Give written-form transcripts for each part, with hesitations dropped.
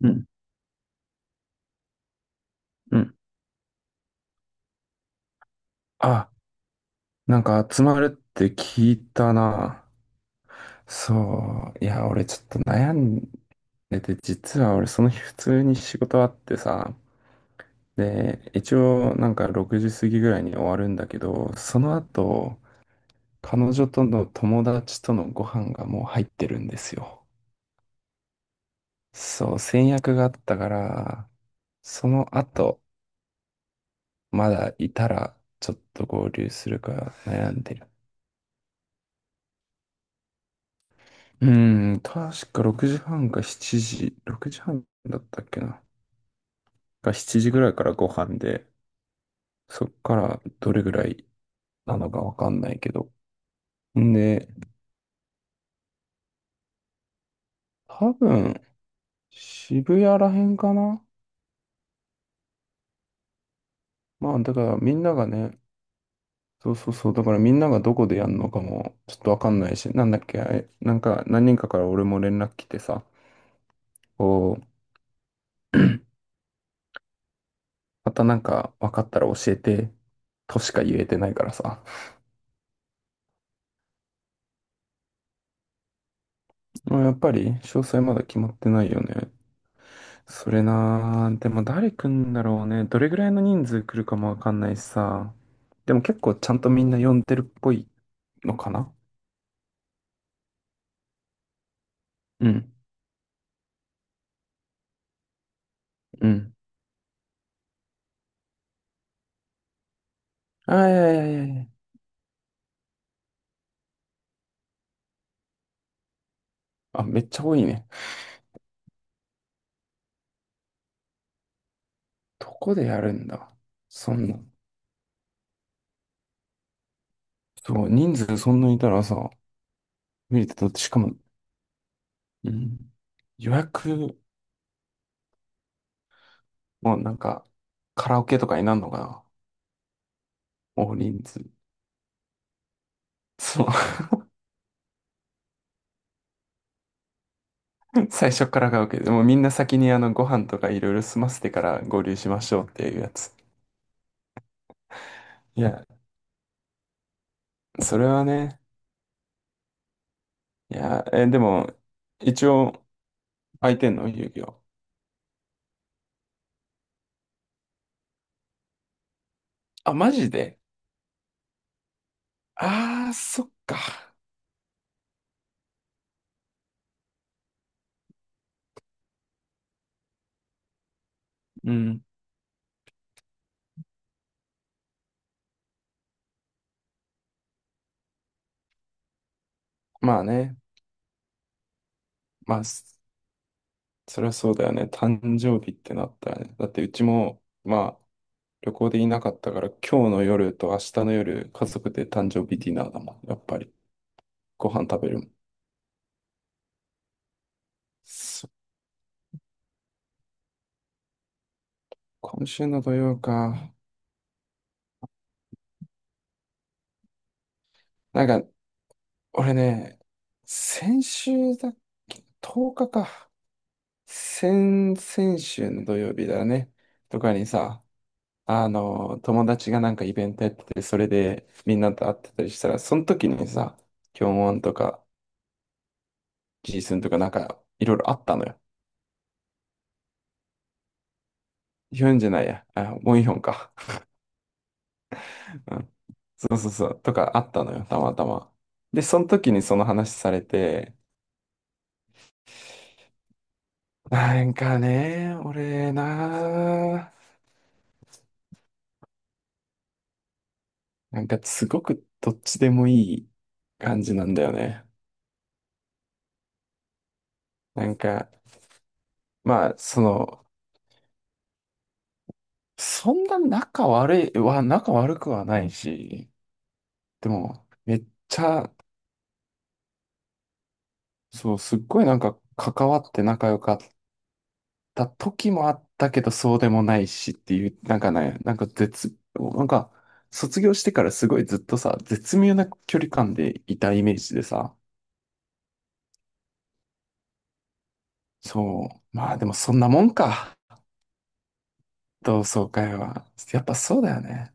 うん。うん。あ、なんか集まるって聞いたな。そう。いや、俺ちょっと悩んでて、実は俺その日普通に仕事あってさ。で、一応なんか6時過ぎぐらいに終わるんだけど、その後、彼女との友達とのご飯がもう入ってるんですよ。そう、先約があったから、その後、まだいたらちょっと合流するか悩んでる。うん、確か6時半か7時、6時半だったっけな。か7時ぐらいからご飯で、そっからどれぐらいなのかわかんないけど。んで、多分、渋谷らへんかな。まあ、だからみんながね、そうそうそう、だからみんながどこでやるのかもちょっとわかんないし、なんだっけ、あれなんか何人かから俺も連絡来てさ、こう、またなんかわかったら教えて、としか言えてないからさ。まあやっぱり詳細まだ決まってないよね。それなー、でも誰来んだろうね。どれぐらいの人数来るかもわかんないしさ。でも結構ちゃんとみんな呼んでるっぽいのかな。うん、うん。あー、いやいやいやいや。あ、めっちゃ多いね。どこでやるんだ。そんな。そう、人数そんなにいたらさ、見れてたって、しかも、うん、予約もなんか、カラオケとかになるのかな。大人数。そう、最初からカラオケでもうみんな先にご飯とかいろいろ済ませてから合流しましょうっていうやつ。いや、それはね。いや、え、でも、一応、空いてんの遊戯王。あ、マジで。ああー、そっか。うん。まあね。まあ、それはそうだよね。誕生日ってなったらね。だって、うちも、まあ、旅行でいなかったから、今日の夜と明日の夜、家族で誕生日ディナーだもん。やっぱり、ご飯食べるもん。そ、今週の土曜か。なんか、俺ね、先週だっけ？ 10 日かか。先週の土曜日だね。とかにさ、あの、友達がなんかイベントやってて、それでみんなと会ってたりしたら、その時にさ、キョンウォンとか、ジースンとかなんか、いろいろあったのよ。ヒョンじゃないや。あ、ウォンヒョンか。うん。そうそうそう。とかあったのよ、たまたま。で、その時にその話されて、なんかね、俺な、なんかすごくどっちでもいい感じなんだよね。なんか、まあ、その、そんな仲悪いは、仲悪くはないし、でも、めっちゃ、そう、すっごいなんか関わって仲良かった時もあったけど、そうでもないしっていう、なんかね、なんか絶、なんか、卒業してからすごいずっとさ、絶妙な距離感でいたイメージでさ、そう、まあでもそんなもんか、同窓会は。やっぱそうだよね。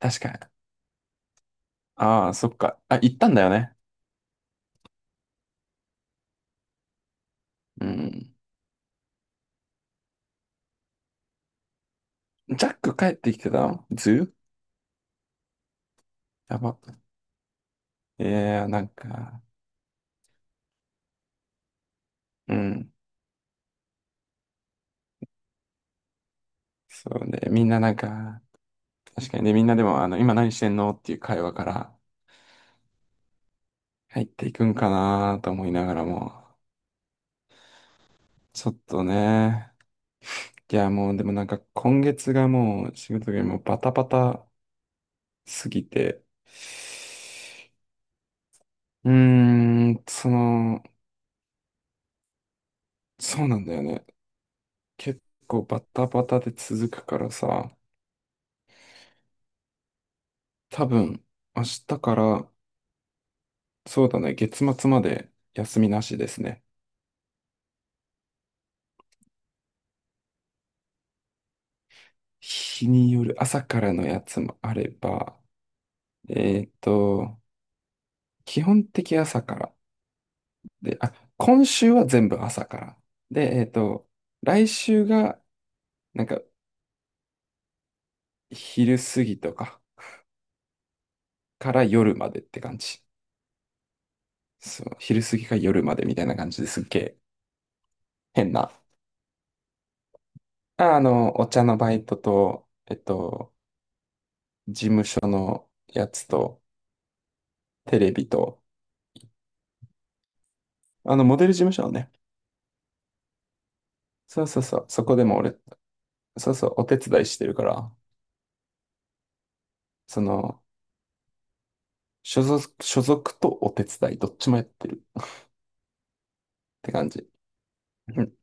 確かに。ああ、そっか。あ、行ったんだよね。うん。ジャック帰ってきてたのズーやば。いやー、なんか、うん。そうね。みんななんか、確かにね、みんなでも、あの、今何してんのっていう会話から入っていくんかなと思いながらも、ちょっとね、いや、もうでもなんか今月がもう仕事がもうバタバタすぎて、うーん、その、そうなんだよね。結構バタバタで続くからさ、多分、明日から、そうだね、月末まで休みなしですね。日による朝からのやつもあれば、えっと、基本的朝から。で、あ、今週は全部朝から。で、えっと、来週が、なんか、昼過ぎとかから夜までって感じ。そう、昼過ぎか夜までみたいな感じですっげえ変な。あ、あの、お茶のバイトと、えっと、事務所のやつと、テレビと、あの、モデル事務所のね、そうそうそう、そこでも俺、そうそう、お手伝いしてるから、その、所属とお手伝い、どっちもやってるって感じ。うん。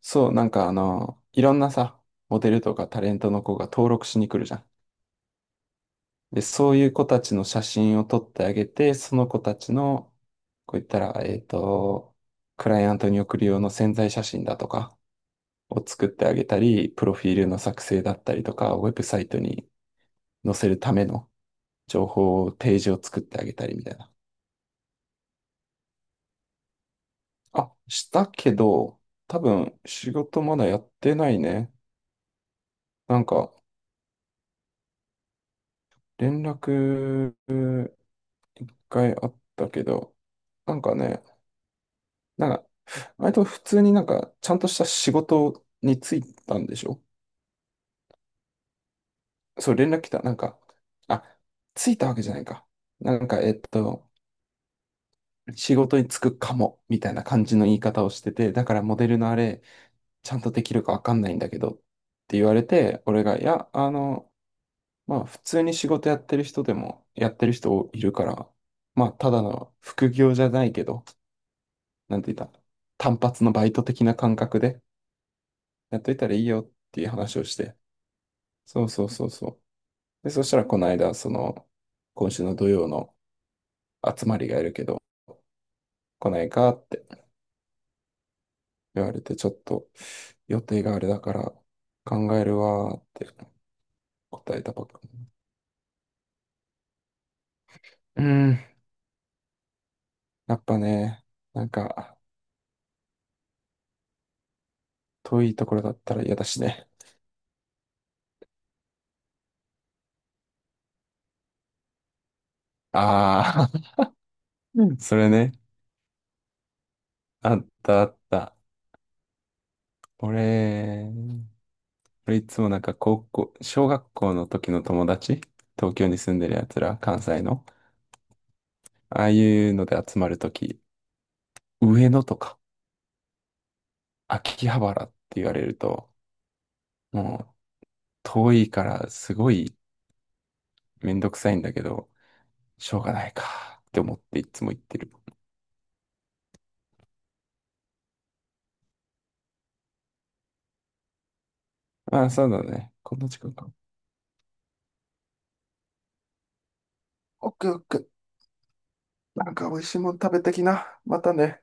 そう、なんかあの、いろんなさ、モデルとかタレントの子が登録しに来るじゃん。で、そういう子たちの写真を撮ってあげて、その子たちの、こう言ったら、えっと、クライアントに送る用の宣材写真だとかを作ってあげたり、プロフィールの作成だったりとか、ウェブサイトに載せるための情報を、ページを作ってあげたりみたいな。あ、したけど、多分仕事まだやってないね。なんか連絡一回あったけど、なんかね、なんか、割と普通になんかちゃんとした仕事に就いたんでしょ？そう、連絡来た。なんか、あ、着いたわけじゃないか。なんか、えっと、仕事に就くかも、みたいな感じの言い方をしてて、だからモデルのあれ、ちゃんとできるかわかんないんだけど、って言われて、俺が、いや、あの、まあ普通に仕事やってる人でもやってる人いるから、まあただの副業じゃないけど、なんて言った、単発のバイト的な感覚でやっといたらいいよっていう話をして、そうそうそうそう。で、そしたらこの間、その、今週の土曜の集まりがいるけど、来ないかって言われて、ちょっと予定があれだから考えるわーって答えたばっかり。うーん、やっぱね、なんか遠いところだったら嫌だしね。ああ、うん。それね。あったあった。俺、俺いつもなんか小学校の時の友達、東京に住んでる奴ら、関西の、ああいうので集まる時、上野とか秋葉原って言われると、もう遠いからすごいめんどくさいんだけど、しょうがないかって思っていつも行ってる。ああ、そうだね。こんな時間か。オッケーオッケー。なんか美味しいもん食べてきな。またね。